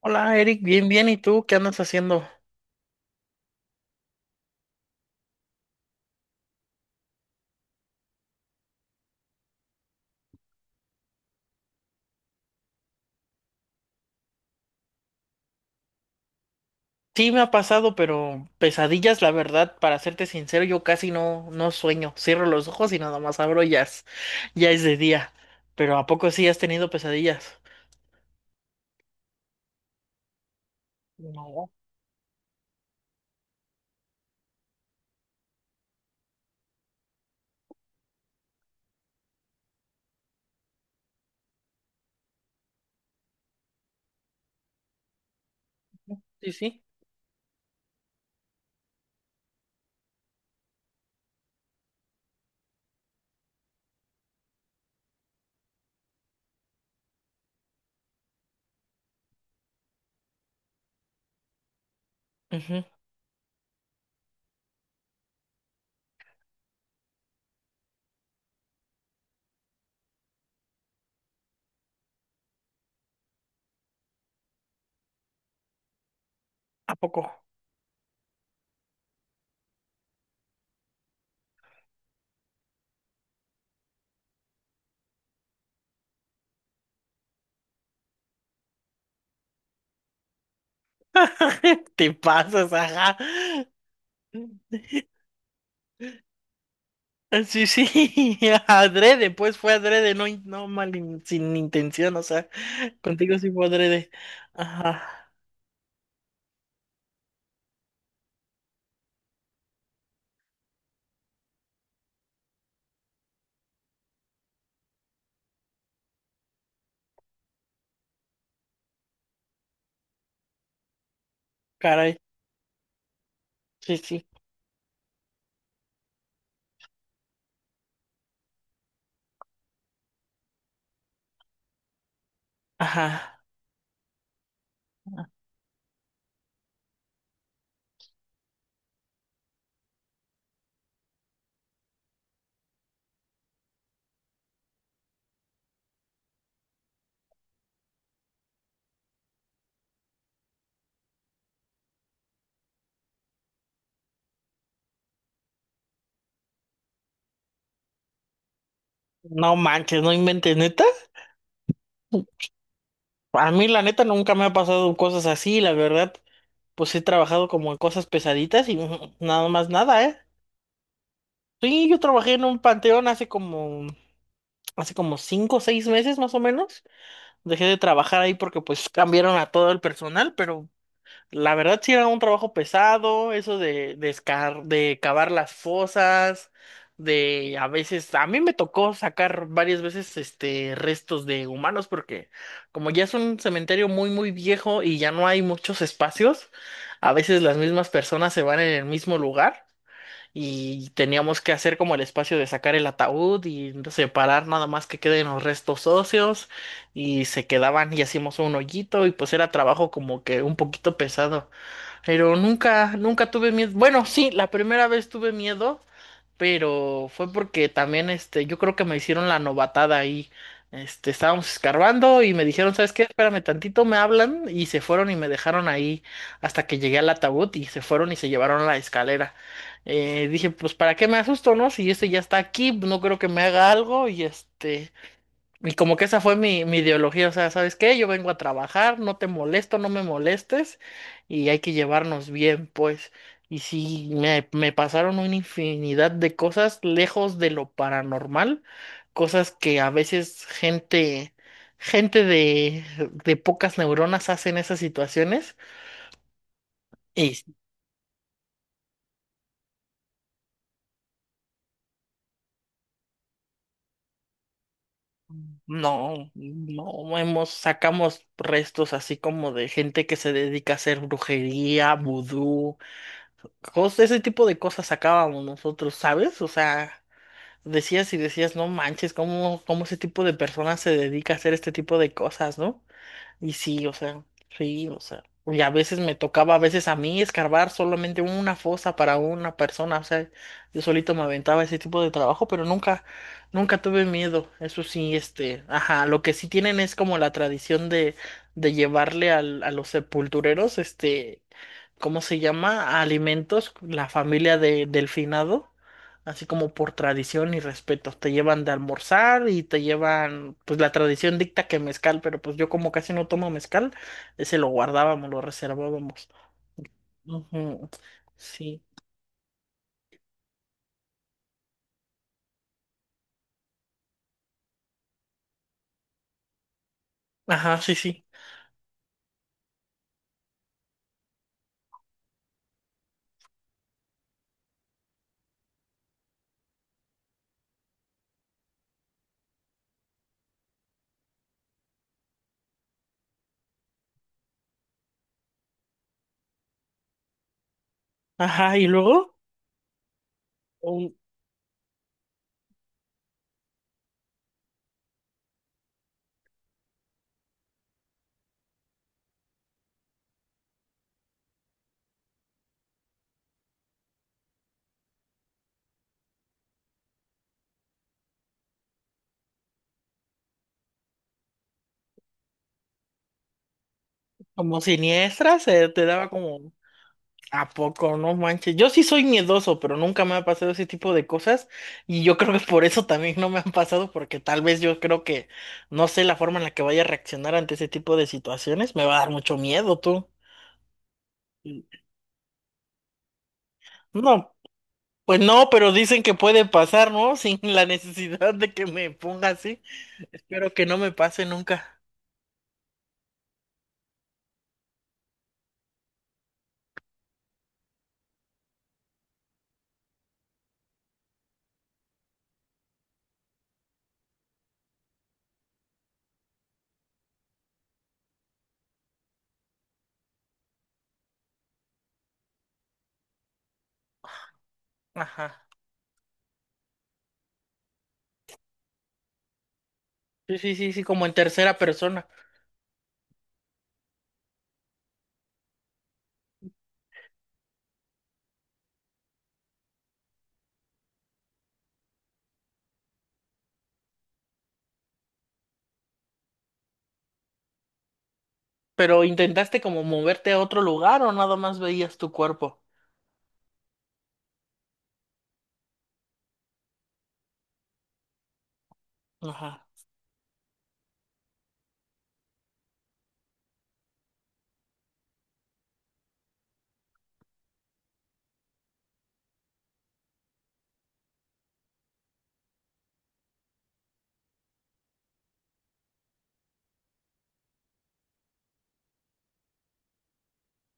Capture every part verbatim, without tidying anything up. Hola Eric, bien, bien, ¿y tú qué andas haciendo? Sí, me ha pasado, pero pesadillas, la verdad, para serte sincero, yo casi no, no sueño. Cierro los ojos y nada más abro y ya es, ya es de día. Pero ¿a poco sí has tenido pesadillas? No. Sí, sí. Ujú. ¿A poco? Te pasas, ajá. Ah, Sí, sí, adrede, pues fue adrede, no, in- no mal, in- sin intención, o sea, contigo sí fue adrede. Ajá, caray, sí, sí, ajá. No manches, no inventes, neta. A mí la neta nunca me ha pasado cosas así, la verdad. Pues he trabajado como en cosas pesaditas y mm, nada más nada, ¿eh? Sí, yo trabajé en un panteón hace como, hace como cinco o seis meses más o menos. Dejé de trabajar ahí porque pues cambiaron a todo el personal, pero la verdad sí era un trabajo pesado, eso de, de, escar- de cavar las fosas, de a veces, a mí me tocó sacar varias veces este restos de humanos porque como ya es un cementerio muy muy viejo y ya no hay muchos espacios, a veces las mismas personas se van en el mismo lugar y teníamos que hacer como el espacio de sacar el ataúd y separar nada más que queden los restos óseos y se quedaban y hacíamos un hoyito y pues era trabajo como que un poquito pesado. Pero nunca, nunca tuve miedo. Bueno, sí, la primera vez tuve miedo, pero fue porque también, este, yo creo que me hicieron la novatada ahí. Este, estábamos escarbando y me dijeron, ¿sabes qué? Espérame tantito, me hablan y se fueron y me dejaron ahí hasta que llegué al ataúd y se fueron y se llevaron la escalera. Eh, dije, pues, ¿para qué me asusto, no? Si este ya está aquí, no creo que me haga algo y este, y como que esa fue mi, mi ideología, o sea, ¿sabes qué? Yo vengo a trabajar, no te molesto, no me molestes, y hay que llevarnos bien, pues. Y sí, me, me pasaron una infinidad de cosas lejos de lo paranormal, cosas que a veces gente, gente de, de pocas neuronas hace en esas situaciones, y sí, no, no hemos, sacamos restos así como de gente que se dedica a hacer brujería, vudú cos- ese tipo de cosas sacábamos nosotros, ¿sabes? O sea, decías y decías, no manches, ¿cómo, cómo ese tipo de personas se dedica a hacer este tipo de cosas, ¿no? Y sí, o sea, sí, o sea. Y a veces me tocaba, a veces a mí, escarbar solamente una fosa para una persona. O sea, yo solito me aventaba ese tipo de trabajo, pero nunca, nunca tuve miedo. Eso sí, este, ajá, lo que sí tienen es como la tradición de, de llevarle al, a los sepultureros, este, ¿cómo se llama? Alimentos, la familia de, del finado, así como por tradición y respeto. Te llevan de almorzar y te llevan, pues la tradición dicta que mezcal, pero pues yo como casi no tomo mezcal, ese lo guardábamos, lo reservábamos. Ujú, sí. Ajá, sí, sí. Ajá, y luego, un- como siniestras, se te daba como ¿a poco? No manches. Yo sí soy miedoso, pero nunca me ha pasado ese tipo de cosas. Y yo creo que por eso también no me han pasado, porque tal vez yo creo que no sé la forma en la que vaya a reaccionar ante ese tipo de situaciones. Me va a dar mucho miedo, tú. No, pues no, pero dicen que puede pasar, ¿no? Sin la necesidad de que me ponga así. Espero que no me pase nunca. Ajá. Sí, sí, sí, sí, como en tercera persona. Pero intentaste como moverte a otro lugar o nada más veías tu cuerpo. Ajá.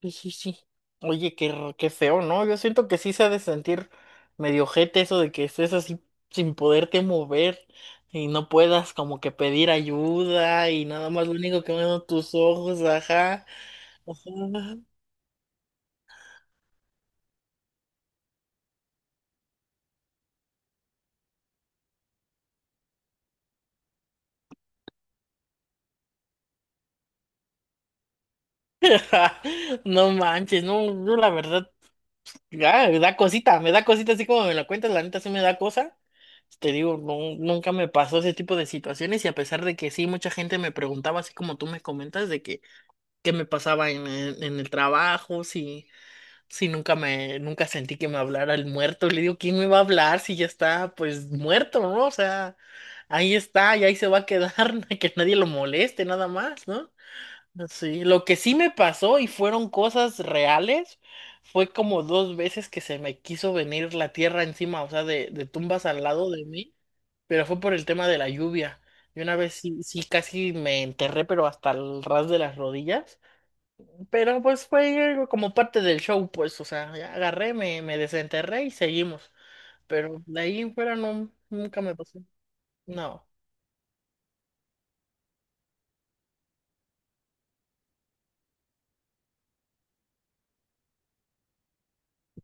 Sí, sí, sí. Oye, qué, r- qué feo, ¿no? Yo siento que sí se ha de sentir medio ojete eso de que estés así sin poderte mover y no puedas como que pedir ayuda y nada más lo único que ven son tus ojos, ajá. Ajá. No manches, no, yo la verdad, ya, me da cosita, me da cosita así como me la cuentas, la neta sí me da cosa. Te digo, no, nunca me pasó ese tipo de situaciones y a pesar de que sí, mucha gente me preguntaba así como tú me comentas de que qué me pasaba en, en- en el trabajo, si, si nunca me, nunca sentí que me hablara el muerto. Le digo, ¿quién me va a hablar si ya está pues muerto, ¿no? O sea, ahí está y ahí se va a quedar, que nadie lo moleste, nada más, ¿no? Sí, lo que sí me pasó y fueron cosas reales fue como dos veces que se me quiso venir la tierra encima, o sea, de, de tumbas al lado de mí, pero fue por el tema de la lluvia. Y una vez sí, sí casi me enterré, pero hasta el ras de las rodillas. Pero pues fue algo como parte del show, pues, o sea, ya agarré, me, me desenterré y seguimos. Pero de ahí en fuera no, nunca me pasó. No.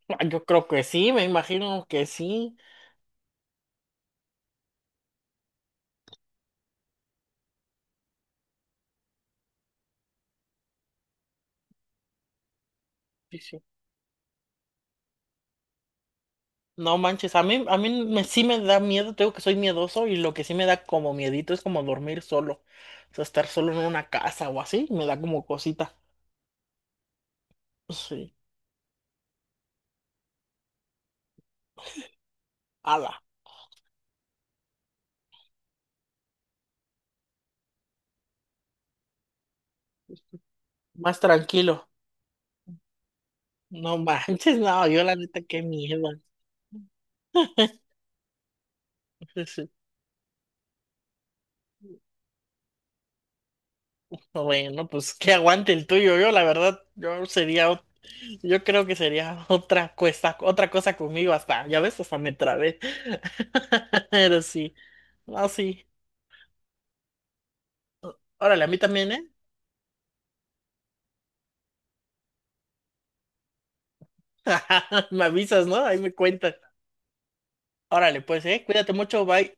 Ah, yo creo que sí, me imagino que sí. Sí, sí. No manches, a mí, a mí me, sí me da miedo, tengo que soy miedoso y lo que sí me da como miedito es como dormir solo. O sea, estar solo en una casa o así, me da como cosita. Sí. Ala, más tranquilo. No manches, no, yo la neta, qué miedo. Bueno, pues que aguante el tuyo. Yo, la verdad, yo sería, ot- yo creo que sería otra cosa, otra cosa conmigo hasta, ya ves, hasta me trabé. Pero sí, no, sí. Órale, a mí también, ¿eh? Me avisas, ¿no? Ahí me cuentas. Órale, pues, ¿eh? Cuídate mucho, bye.